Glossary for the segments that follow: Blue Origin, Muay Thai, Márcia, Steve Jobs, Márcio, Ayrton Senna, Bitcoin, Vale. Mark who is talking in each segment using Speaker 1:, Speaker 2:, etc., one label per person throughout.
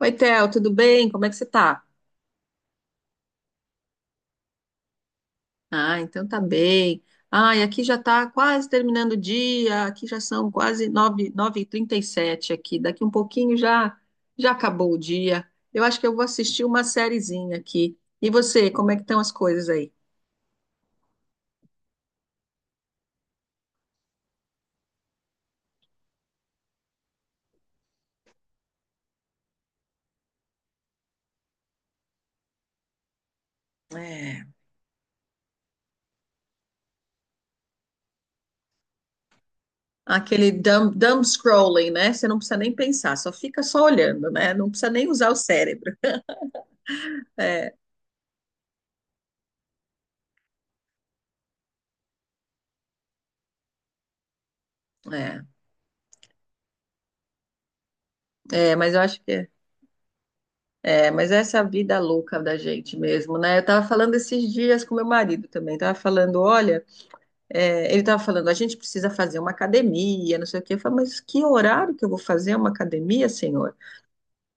Speaker 1: Oi, Theo, tudo bem? Como é que você tá? Ah, então tá bem. Ah, e aqui já tá quase terminando o dia, aqui já são quase nove, nove e trinta e sete aqui. Daqui um pouquinho já já acabou o dia. Eu acho que eu vou assistir uma sériezinha aqui. E você, como é que estão as coisas aí? É. Aquele dumb scrolling, né? Você não precisa nem pensar, só fica só olhando, né? Não precisa nem usar o cérebro. É, é, é, mas eu acho que é. É, mas essa é a vida louca da gente mesmo, né? Eu tava falando esses dias com meu marido também, tava falando, olha, ele tava falando, a gente precisa fazer uma academia, não sei o quê. Eu falei, mas que horário que eu vou fazer uma academia, senhor?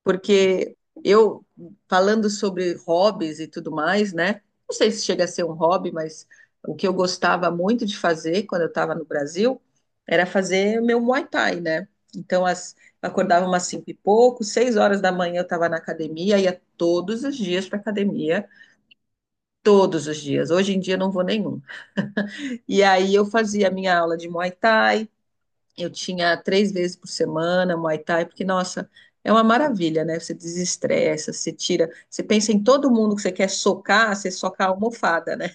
Speaker 1: Porque eu, falando sobre hobbies e tudo mais, né? Não sei se chega a ser um hobby, mas o que eu gostava muito de fazer quando eu estava no Brasil era fazer o meu Muay Thai, né? Então, eu acordava umas cinco e pouco, seis horas da manhã eu estava na academia, ia todos os dias para academia, todos os dias. Hoje em dia eu não vou nenhum. E aí eu fazia a minha aula de Muay Thai, eu tinha três vezes por semana Muay Thai, porque, nossa, é uma maravilha, né? Você desestressa, você tira. Você pensa em todo mundo que você quer socar, você soca a almofada, né?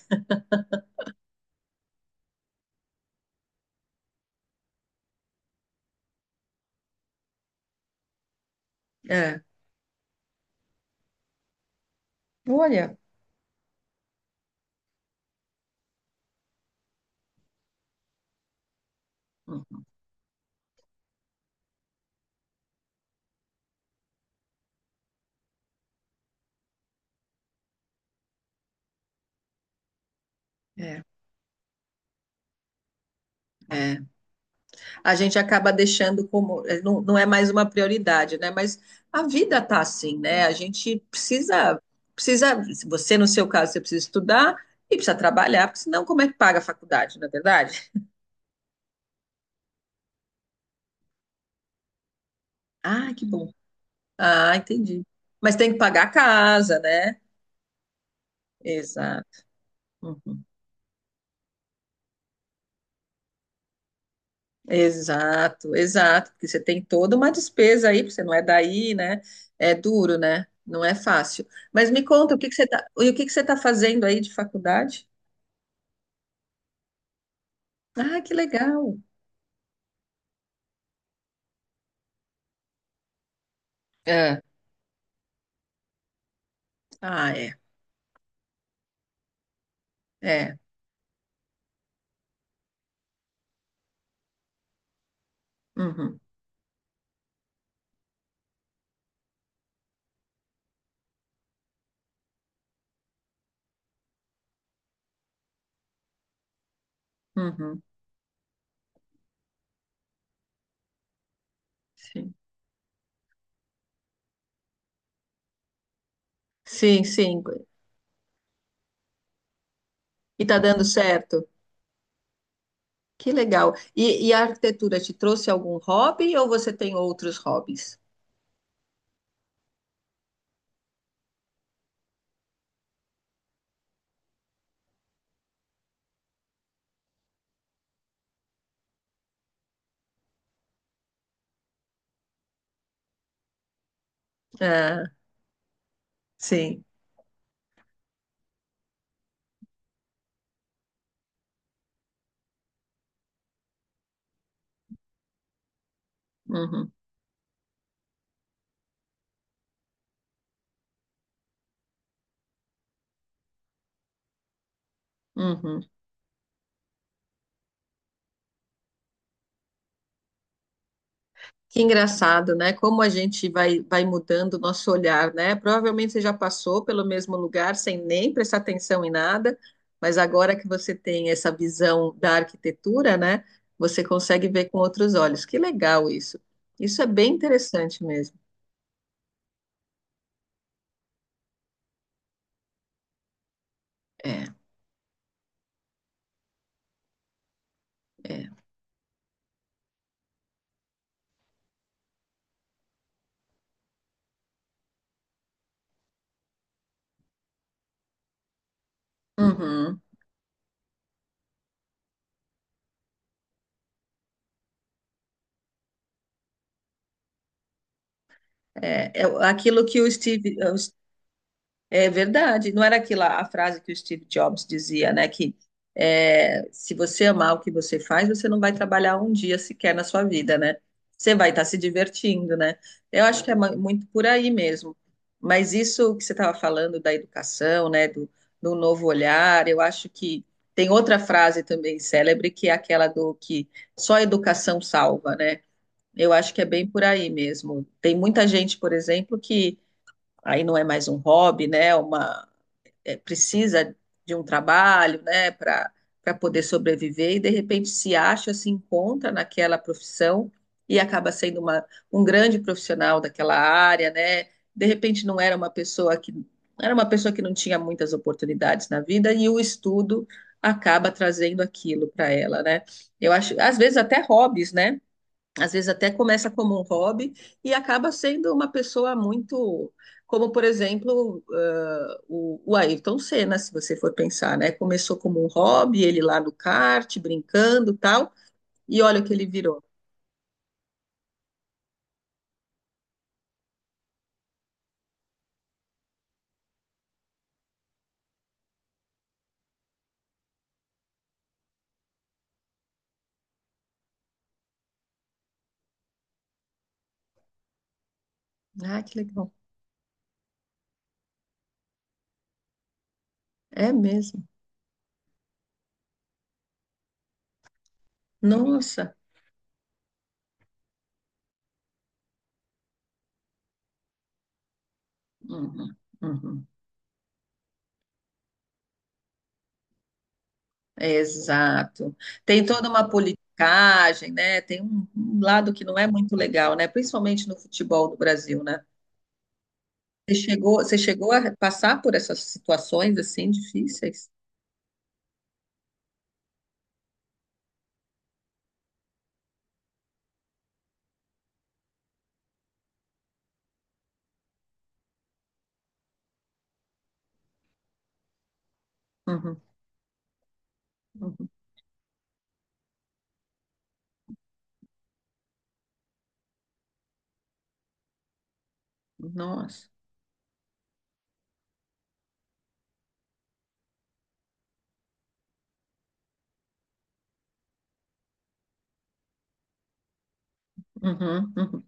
Speaker 1: É. Olha. É, é. A gente acaba deixando. Não, não é mais uma prioridade, né? Mas a vida tá assim, né? A gente precisa. Precisa. Se Você, no seu caso, você precisa estudar e precisa trabalhar, porque senão, como é que paga a faculdade, não é verdade? Ah, que bom. Ah, entendi. Mas tem que pagar a casa, né? Exato. Uhum. Exato, exato, porque você tem toda uma despesa aí, porque você não é daí, né? É duro, né? Não é fácil. Mas me conta, o que que você tá, e o que que você está fazendo aí de faculdade? Ah, que legal. É. Ah, é. É. Uhum. Uhum. Sim. Sim, sim. E tá dando certo. Que legal. E a arquitetura te trouxe algum hobby ou você tem outros hobbies? Ah, sim. Uhum. Uhum. Que engraçado, né? Como a gente vai mudando o nosso olhar, né? Provavelmente você já passou pelo mesmo lugar sem nem prestar atenção em nada, mas agora que você tem essa visão da arquitetura, né? Você consegue ver com outros olhos. Que legal isso. Isso é bem interessante mesmo. É, é. Uhum. É aquilo que o Steve. É verdade. Não era aquela a frase que o Steve Jobs dizia, né? Que se você amar o que você faz, você não vai trabalhar um dia sequer na sua vida, né? Você vai estar se divertindo, né? Eu acho que é muito por aí mesmo. Mas isso que você estava falando da educação, né? Do novo olhar, eu acho que tem outra frase também célebre, que é aquela do que só a educação salva, né? Eu acho que é bem por aí mesmo. Tem muita gente, por exemplo, que aí não é mais um hobby, né? Precisa de um trabalho, né, para poder sobreviver e de repente se acha, se encontra naquela profissão e acaba sendo uma, um grande profissional daquela área, né? De repente não era uma pessoa que era uma pessoa que não tinha muitas oportunidades na vida e o estudo acaba trazendo aquilo para ela, né? Eu acho, às vezes até hobbies, né? Às vezes até começa como um hobby e acaba sendo uma pessoa muito, como por exemplo, o Ayrton Senna, se você for pensar, né? Começou como um hobby, ele lá no kart, brincando, e tal, e olha o que ele virou. Ah, que legal. É mesmo. Nossa. Uhum, uhum. Exato. Tem toda uma politicagem, né? Tem um lado que não é muito legal, né? Principalmente no futebol do Brasil, né? Você chegou a passar por essas situações assim difíceis? Uhum, uhum. Nossa. Uhum, uhum.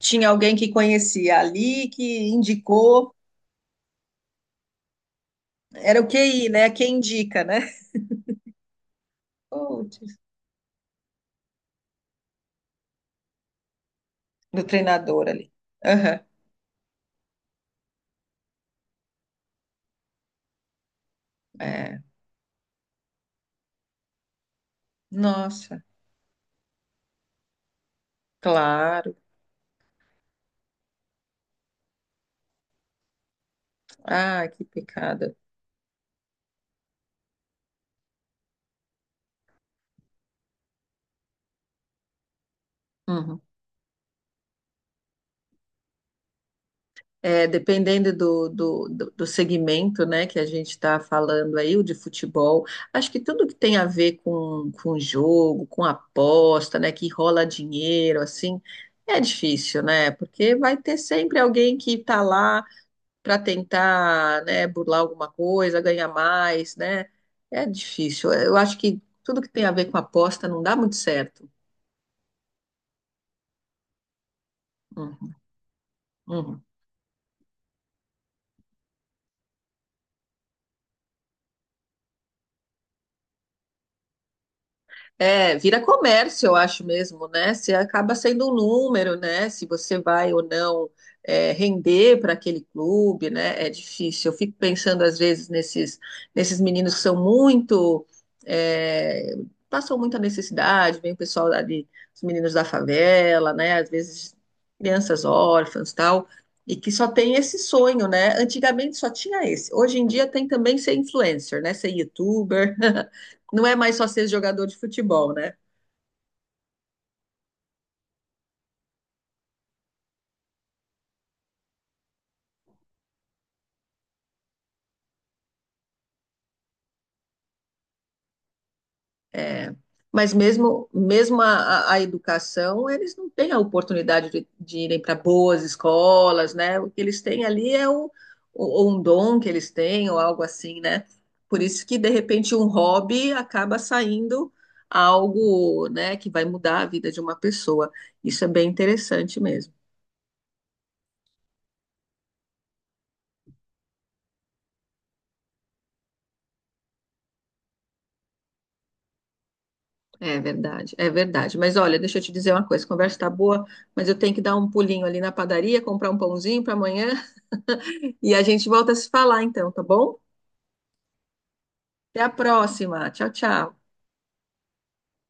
Speaker 1: Tinha alguém que conhecia ali, que indicou. Era o QI, né? Quem indica, né? Puts, do treinador ali. Aham. É. Nossa, claro. Ai, que pecado. Uhum. É, dependendo do segmento, né, que a gente está falando aí, o de futebol, acho que tudo que tem a ver com jogo, com aposta, né, que rola dinheiro, assim, é difícil, né, porque vai ter sempre alguém que está lá para tentar, né, burlar alguma coisa, ganhar mais, né, é difícil. Eu acho que tudo que tem a ver com aposta não dá muito certo. Uhum, uhum. É, vira comércio, eu acho mesmo, né? Você acaba sendo um número, né? Se você vai ou não render para aquele clube, né? É difícil. Eu fico pensando, às vezes, nesses meninos que são muito. é, Passam muita necessidade, vem o pessoal ali, os meninos da favela, né? Às vezes, crianças órfãs tal, e que só tem esse sonho, né? Antigamente só tinha esse. Hoje em dia tem também ser influencer, né? Ser youtuber. Não é mais só ser jogador de futebol, né? É, mas mesmo, mesmo a educação, eles não têm a oportunidade de irem para boas escolas, né? O que eles têm ali é um dom que eles têm, ou algo assim, né? Por isso que, de repente, um hobby acaba saindo algo, né, que vai mudar a vida de uma pessoa. Isso é bem interessante mesmo. É verdade, é verdade. Mas olha, deixa eu te dizer uma coisa, a conversa tá boa, mas eu tenho que dar um pulinho ali na padaria, comprar um pãozinho para amanhã. E a gente volta a se falar então, tá bom? Até a próxima. Tchau, tchau.